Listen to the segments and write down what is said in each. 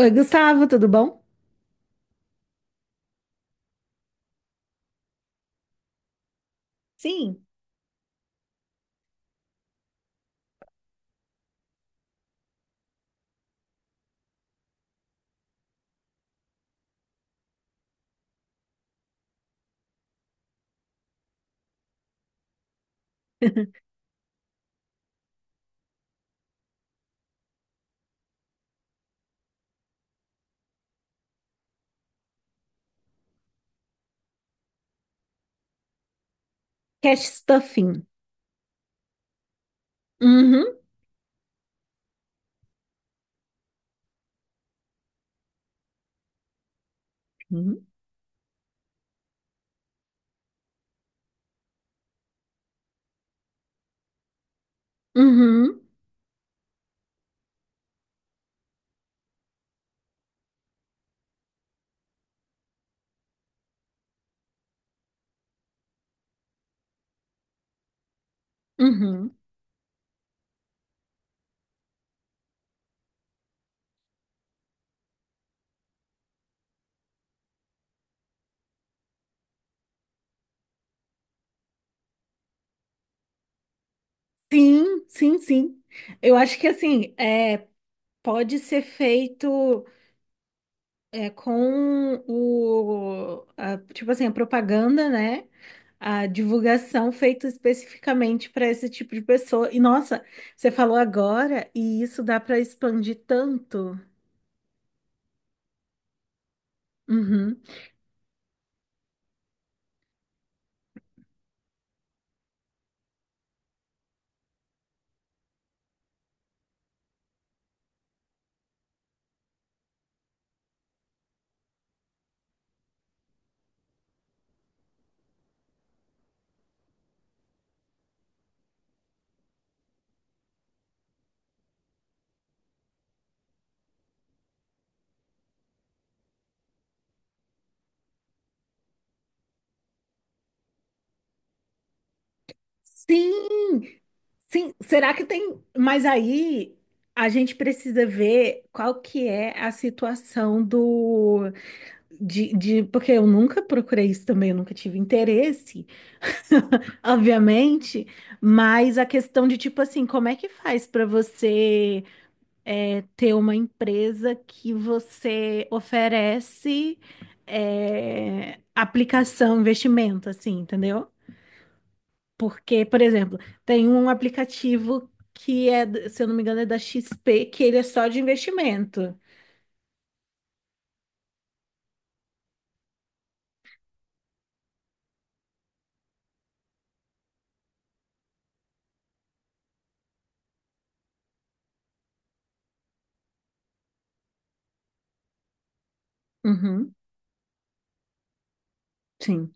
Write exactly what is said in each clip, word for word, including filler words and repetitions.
Oi, Gustavo, tudo bom? Sim. Cash stuffing. Uhum. Uhum. Uhum. Uhum. Sim, sim, sim. Eu acho que assim, é, pode ser feito é, com o, a- tipo assim, a propaganda, né? A divulgação feita especificamente para esse tipo de pessoa. E nossa, você falou agora e isso dá para expandir tanto. Uhum. Sim. Sim, será que tem? Mas aí a gente precisa ver qual que é a situação do de, de- porque eu nunca procurei isso também, eu nunca tive interesse, obviamente, mas a questão de tipo assim, como é que faz para você é, ter uma empresa que você oferece é, aplicação, investimento, assim, entendeu? Porque, por exemplo, tem um aplicativo que é, se eu não me engano, é da X P, que ele é só de investimento. Uhum. Sim.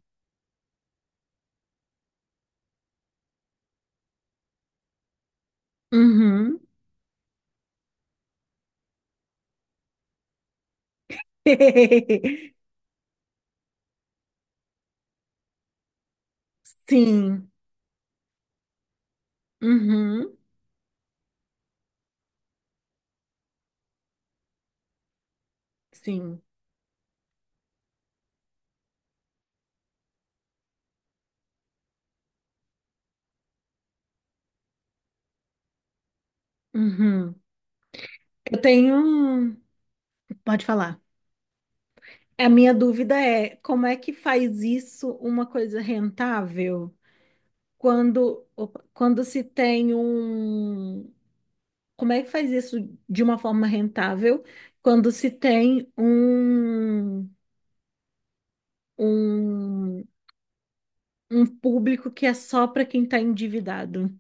Uhum. Sim. Uhum. Sim. Uhum. Eu tenho. um- Pode falar. A minha dúvida é como é que faz isso uma coisa rentável quando, opa, quando se tem um. Como é que faz isso de uma forma rentável quando se tem um um, um público que é só para quem tá endividado.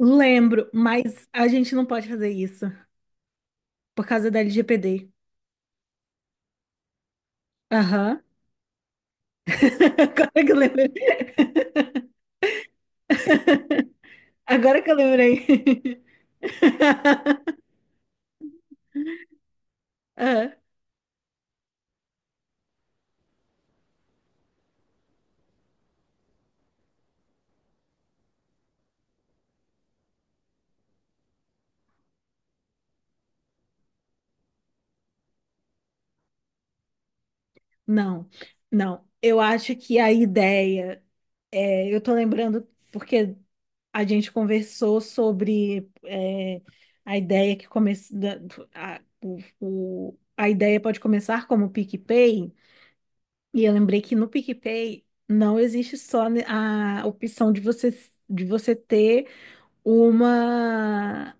Lembro, mas a gente não pode fazer isso por causa da L G P D. Aham. Agora que eu lembrei. Agora que eu lembrei. Ah. Não, não. Eu acho que a ideia é, eu tô lembrando porque a gente conversou sobre é, a ideia que começa da- a, o- o- a ideia pode começar como PicPay. E eu lembrei que no PicPay não existe só a opção de você, de você ter uma,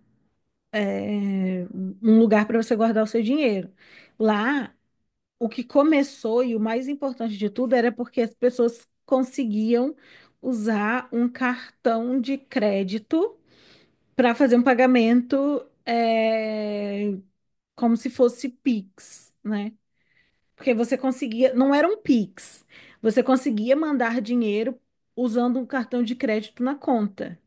é, um lugar para você guardar o seu dinheiro. Lá, o que começou e o mais importante de tudo era porque as pessoas conseguiam usar um cartão de crédito para fazer um pagamento, é, como se fosse Pix, né? Porque você conseguia, não era um Pix, você conseguia mandar dinheiro usando um cartão de crédito na conta.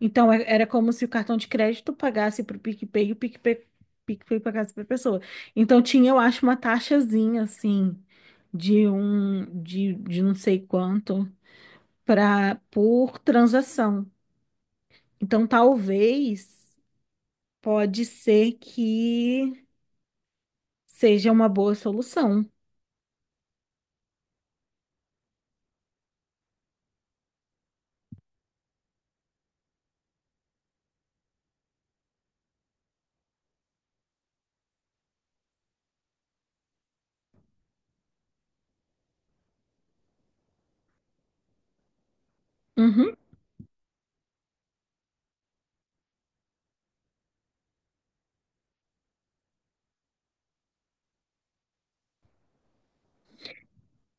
Então é- era como se o cartão de crédito pagasse para o PicPay e o PicPay, PicPay pagasse para a pessoa. Então tinha, eu acho, uma taxazinha assim de um de, de não sei quanto para por transação. Então talvez pode ser que seja uma boa solução. Uhum.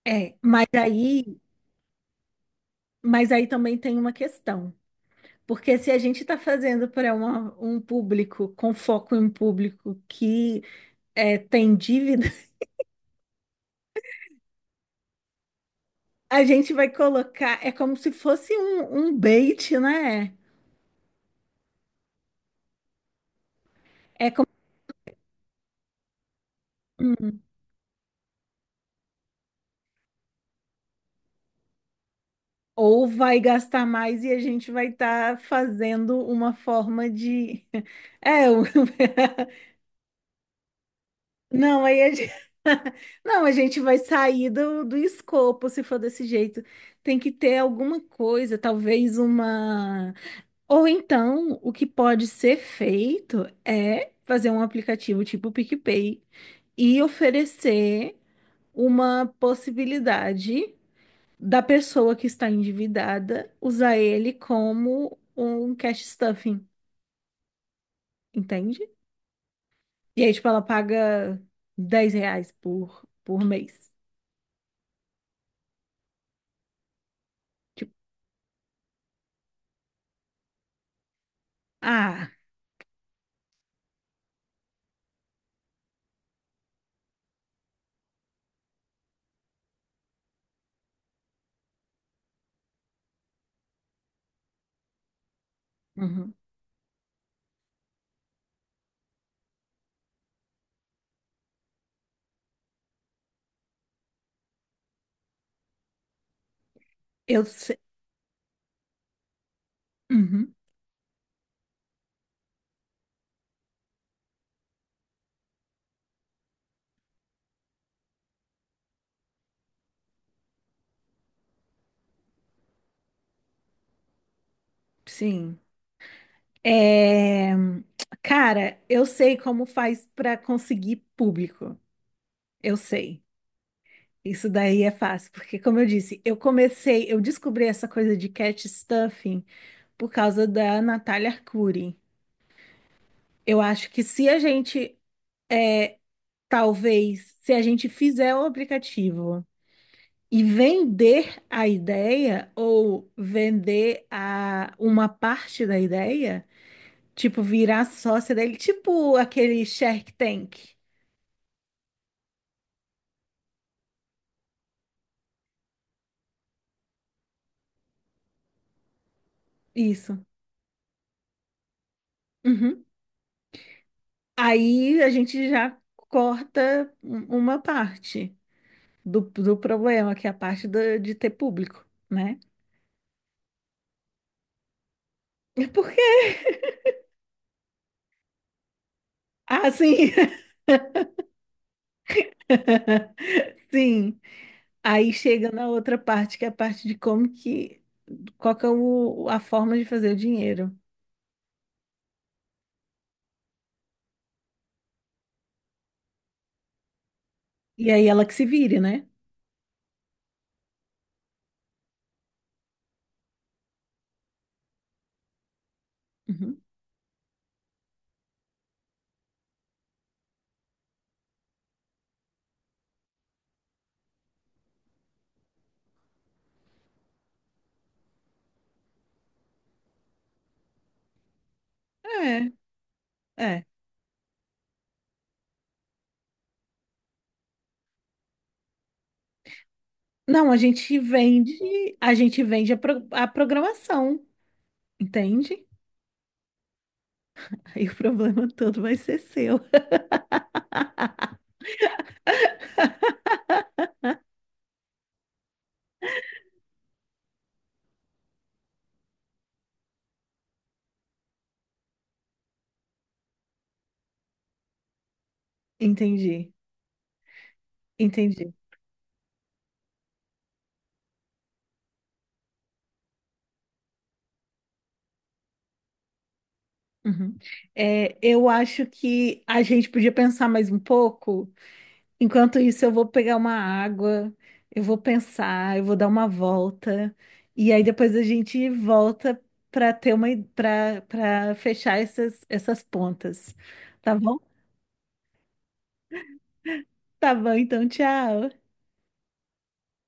É, mas aí Mas aí também tem uma questão, porque se a gente está fazendo para uma- um público com foco em um público que é, tem dívida. A gente vai colocar, é como se fosse um, um bait, né? Hum. Ou vai gastar mais e a gente vai estar fazendo uma forma de. É, o- não, aí a gente... Não, a gente vai sair do, do escopo se for desse jeito. Tem que ter alguma coisa, talvez uma. Ou então, o que pode ser feito é fazer um aplicativo tipo PicPay e oferecer uma possibilidade da pessoa que está endividada usar ele como um cash stuffing, entende? E aí, tipo, ela paga dez reais por, por mês. Tipo, ah, uhum, eu sei. Uhum. Sim. É, cara, eu sei como faz para conseguir público. Eu sei. Isso daí é fácil, porque como eu disse, eu comecei, eu descobri essa coisa de cat stuffing por causa da Natália Arcuri. Eu acho que se a gente, é, talvez, se a gente fizer o aplicativo e vender a ideia ou vender a uma parte da ideia, tipo virar sócia dele, tipo aquele Shark Tank. Isso. Uhum. Aí a gente já corta um- uma parte do, do problema, que é a parte do- de ter público, né? E por Ah, sim. Sim. Aí chega na outra parte, que é a parte de como que, qual que é o, a forma de fazer o dinheiro. E aí ela que se vire, né? Uhum. É, é. Não, a gente vende, a gente vende a, pro- a programação, entende? Aí o problema todo vai ser seu. Entendi, entendi. Uhum. É, eu acho que a gente podia pensar mais um pouco. Enquanto isso, eu vou pegar uma água, eu vou pensar, eu vou dar uma volta, e aí depois a gente volta para ter uma para para fechar essas essas pontas. Tá bom? Tá bom, então tchau.